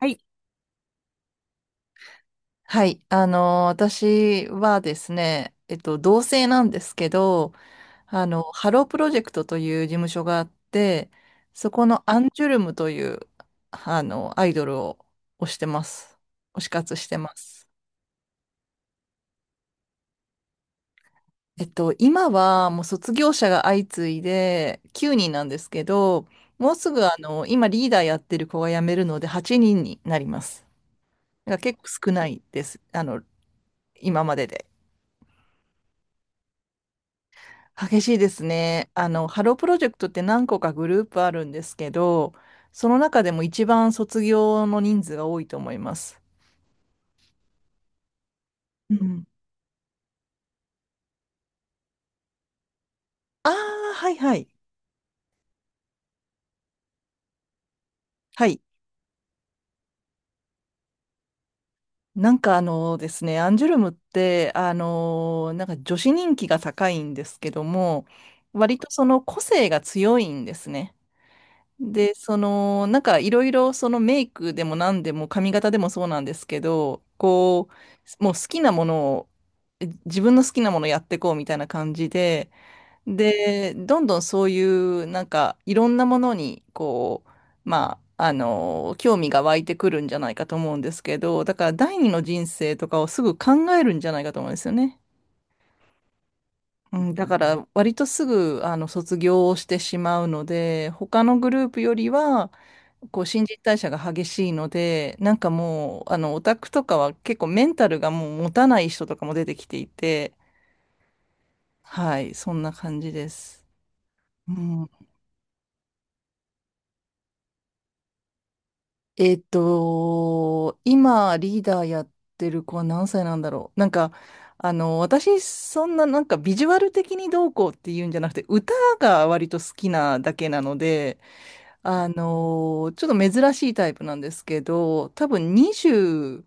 はい。はい。私はですね、同性なんですけど、ハロープロジェクトという事務所があって、そこのアンジュルムという、アイドルを推してます。推し活してます。今はもう卒業者が相次いで9人なんですけど、もうすぐ今リーダーやってる子が辞めるので8人になります。だから結構少ないです。今までで。激しいですね。ハロープロジェクトって何個かグループあるんですけど、その中でも一番卒業の人数が多いと思います。うん。ああ、はいはい。はい。なんかですね、アンジュルムって、なんか女子人気が高いんですけども、割とその個性が強いんですね。で、その、なんかいろいろそのメイクでも何でも髪型でもそうなんですけど、こう、もう好きなものを、自分の好きなものやってこうみたいな感じで、で、どんどんそういうなんかいろんなものに、こう、まあ、興味が湧いてくるんじゃないかと思うんですけど、だから第二の人生とかをすぐ考えるんじゃないかと思うんですよね。うん、だから割とすぐ卒業をしてしまうので、他のグループよりはこう新陳代謝が激しいので、なんかもうオタクとかは結構メンタルがもう持たない人とかも出てきていて、はい、そんな感じです。うん、今リーダーやってる子は何歳なんだろう。なんか私そんななんかビジュアル的にどうこうっていうんじゃなくて、歌が割と好きなだけなので。ちょっと珍しいタイプなんですけど、多分25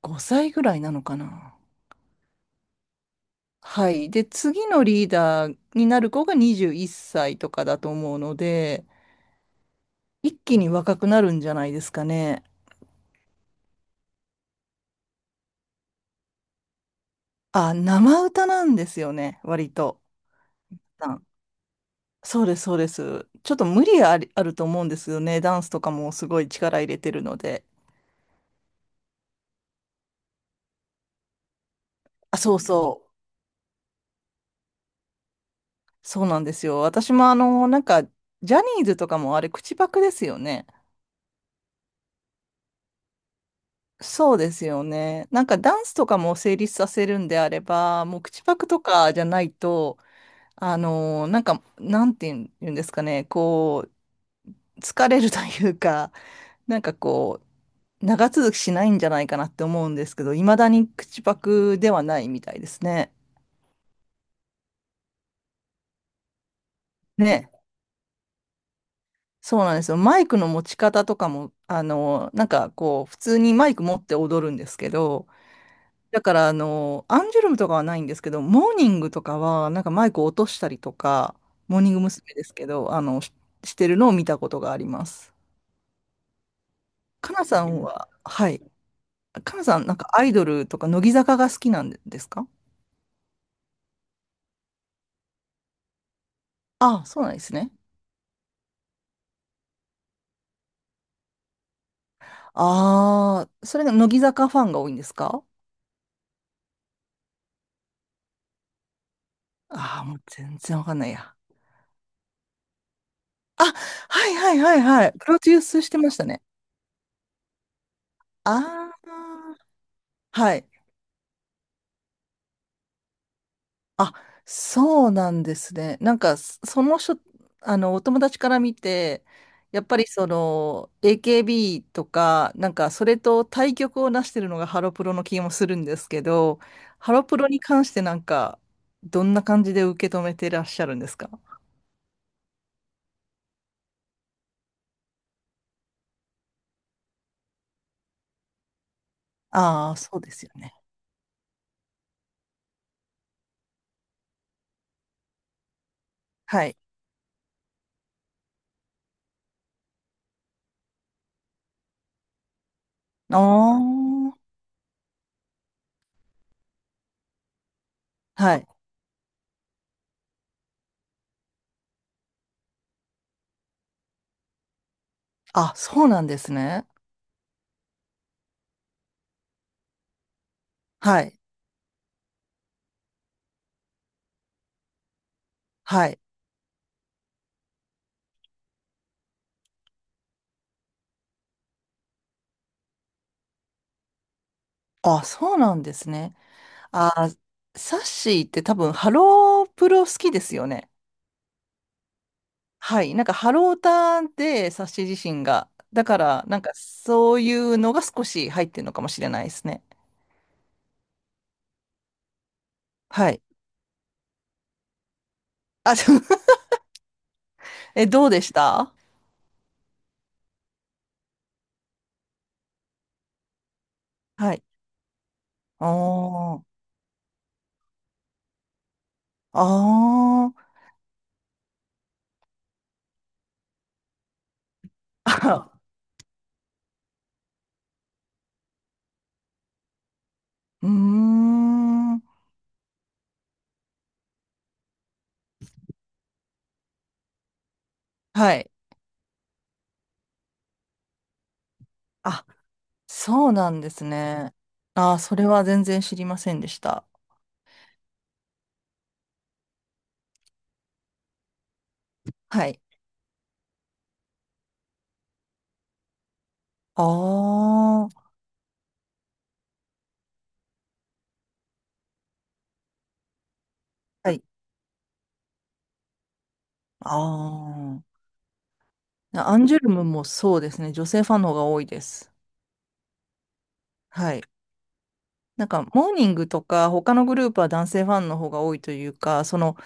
歳ぐらいなのかな。はい。で、次のリーダーになる子が21歳とかだと思うので、一気に若くなるんじゃないですかね。あ、生歌なんですよね、割と。あそうです、そうです。ちょっと無理あり、あると思うんですよね。ダンスとかもすごい力入れてるので。あ、そうそう。そうなんですよ。私もなんか、ジャニーズとかもあれ、口パクですよね。そうですよね。なんかダンスとかも成立させるんであれば、もう口パクとかじゃないと、なんか、なんていうん言うんですかね、こう、疲れるというか、なんかこう、長続きしないんじゃないかなって思うんですけど、いまだに口パクではないみたいですね。ね。そうなんですよ。マイクの持ち方とかも、なんかこう、普通にマイク持って踊るんですけど、だから、アンジュルムとかはないんですけど、モーニングとかは、なんかマイクを落としたりとか、モーニング娘。ですけど、してるのを見たことがあります。かなさんは、はい。かなさん、なんかアイドルとか、乃木坂が好きなんですか？ああ、そうなんですね。ああ、それが乃木坂ファンが多いんですか？ああ、もう全然わかんないや。あ、はいはいはいはい。プロデュースしてましたね。ああ、はい。あ、そうなんですね。なんか、その人、お友達から見て、やっぱりその、AKB とか、なんか、それと対極をなしてるのがハロプロの気もするんですけど、ハロプロに関してなんか、どんな感じで受け止めてらっしゃるんですか？ああー、そうですよね。はい。ああ、はい。あ、そうなんですね。はい。はい。あ、そうなんですね。あー、サッシーって多分、ハロープロ好きですよね。はい、なんかハローターで冊子自身が。だから、なんかそういうのが少し入ってるのかもしれないですね。はい。あ、そう え、どうでした？はい。おー、あー、あ、うーん。はい。あ、そうなんですね。あー、それは全然知りませんでした。はい。あー、はい。ああアンジュルムもそうですね。女性ファンの方が多いです。はい。なんか、モーニングとか、他のグループは男性ファンの方が多いというか、その、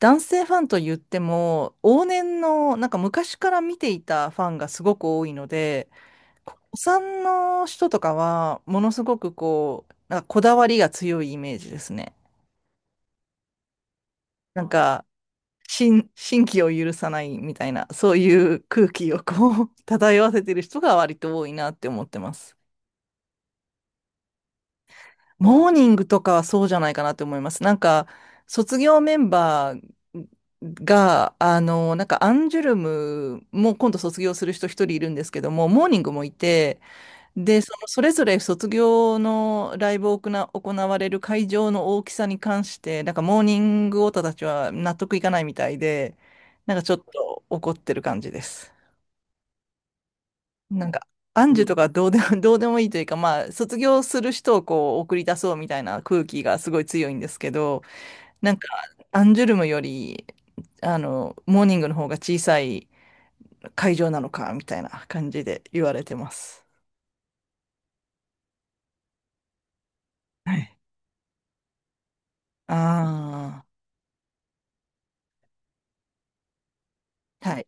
男性ファンと言っても、往年の、なんか昔から見ていたファンがすごく多いので、お産の人とかは、ものすごくこう、なんかこだわりが強いイメージですね。なんか、新規を許さないみたいな、そういう空気をこう、漂わせてる人が割と多いなって思ってます。モーニングとかはそうじゃないかなと思います。なんか、卒業メンバーが、なんかアンジュルムも今度卒業する人一人いるんですけども、モーニングもいて、で、そのそれぞれ卒業のライブを行われる会場の大きさに関して、なんかモーニングオタたちは納得いかないみたいで、なんかちょっと怒ってる感じです。なんか、アンジュとかどうでも、どうでもいいというか、まあ、卒業する人をこう、送り出そうみたいな空気がすごい強いんですけど、なんか、アンジュルムより、モーニングの方が小さい会場なのか、みたいな感じで言われてます。はい。ああ、はい。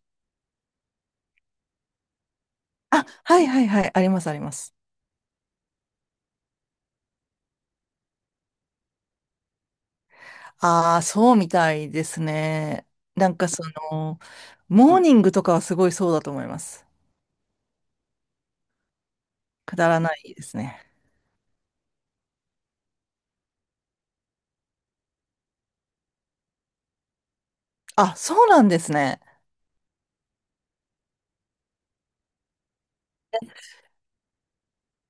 あ、はいはいはい、ありますあります。ああ、そうみたいですね。なんかその、モーニングとかはすごいそうだと思います。くだらないですね。あ、そうなんですね。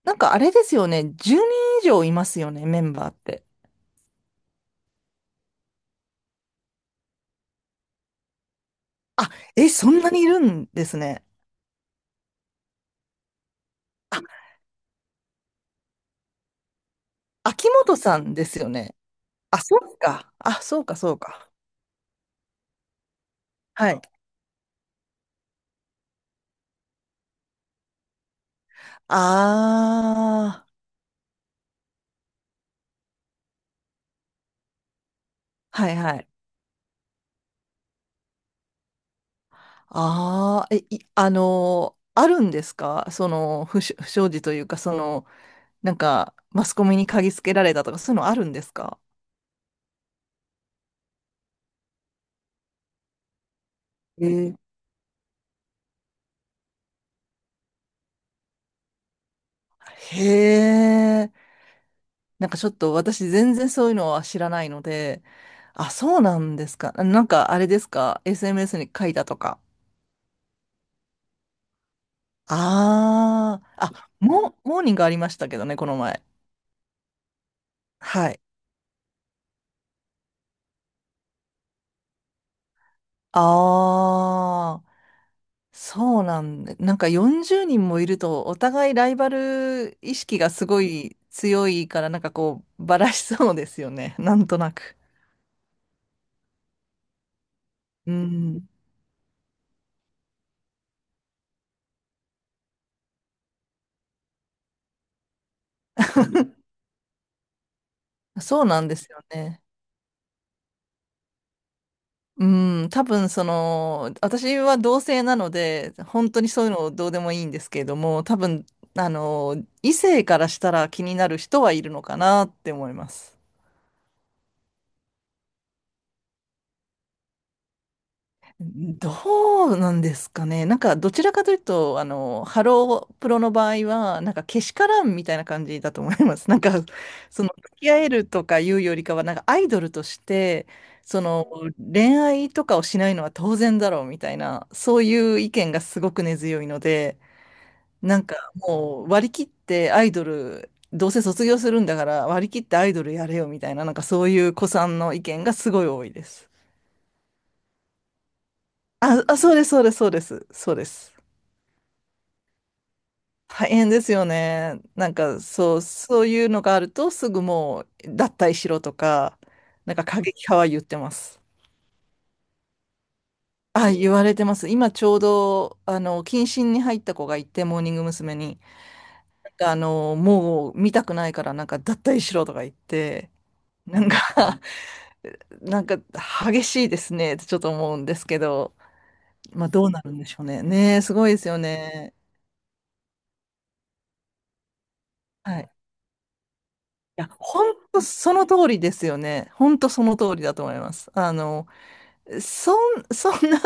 なんかあれですよね。10人以上いますよね、メンバーって。あ、え、そんなにいるんですね。あ、秋元さんですよね。あ、そうか。あ、そうか、そうか。はい。ああ、はいはい。ああ、え、い、あのーあるんですかその、不祥事というか、その、なんか、マスコミに嗅ぎつけられたとか、そういうのあるんですか？えーへえ。なんかちょっと私全然そういうのは知らないので、あ、そうなんですか。なんかあれですか？ SMS に書いたとか。ああ、あ、モーニングありましたけどね、この前。はい。ああ、そうなんで、なんか40人もいると、お互いライバル意識がすごい強いから、なんかこう、ばらしそうですよね、なんとなく。うん、そうなんですよね。うん、多分その、私は同性なので、本当にそういうのどうでもいいんですけれども、多分、異性からしたら気になる人はいるのかなって思います。どうなんですかね。なんか、どちらかというと、ハロープロの場合は、なんか、けしからんみたいな感じだと思います。なんか、その、付き合えるとかいうよりかは、なんか、アイドルとして、その、恋愛とかをしないのは当然だろうみたいな、そういう意見がすごく根強いので、なんかもう割り切ってアイドル、どうせ卒業するんだから割り切ってアイドルやれよみたいな、なんかそういう子さんの意見がすごい多いです。あ、そうです、そうです、そうです、そうです。大変ですよね。なんかそういうのがあるとすぐもう脱退しろとか、なんか過激派は言ってます。あ、言われてます。今ちょうど、謹慎に入った子がいて、モーニング娘。に、なんかもう見たくないからなんか脱退しろとか言って、なんか、なんか激しいですねってちょっと思うんですけど、まあどうなるんでしょうね。ねえ、すごいですよね。はい。いや、本当その通りですよね。本当その通りだと思います。そん、そんな、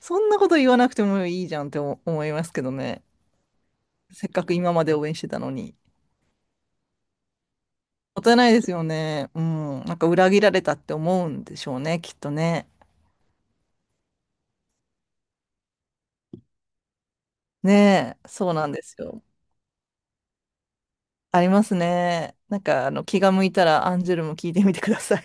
そんなこと言わなくてもいいじゃんって思思いますけどね。せっかく今まで応援してたのに。もったいないですよね。うん。なんか裏切られたって思うんでしょうね、きっとね。ねえ、そうなんですよ。ありますね。なんか、気が向いたらアンジュルム聞いてみてください。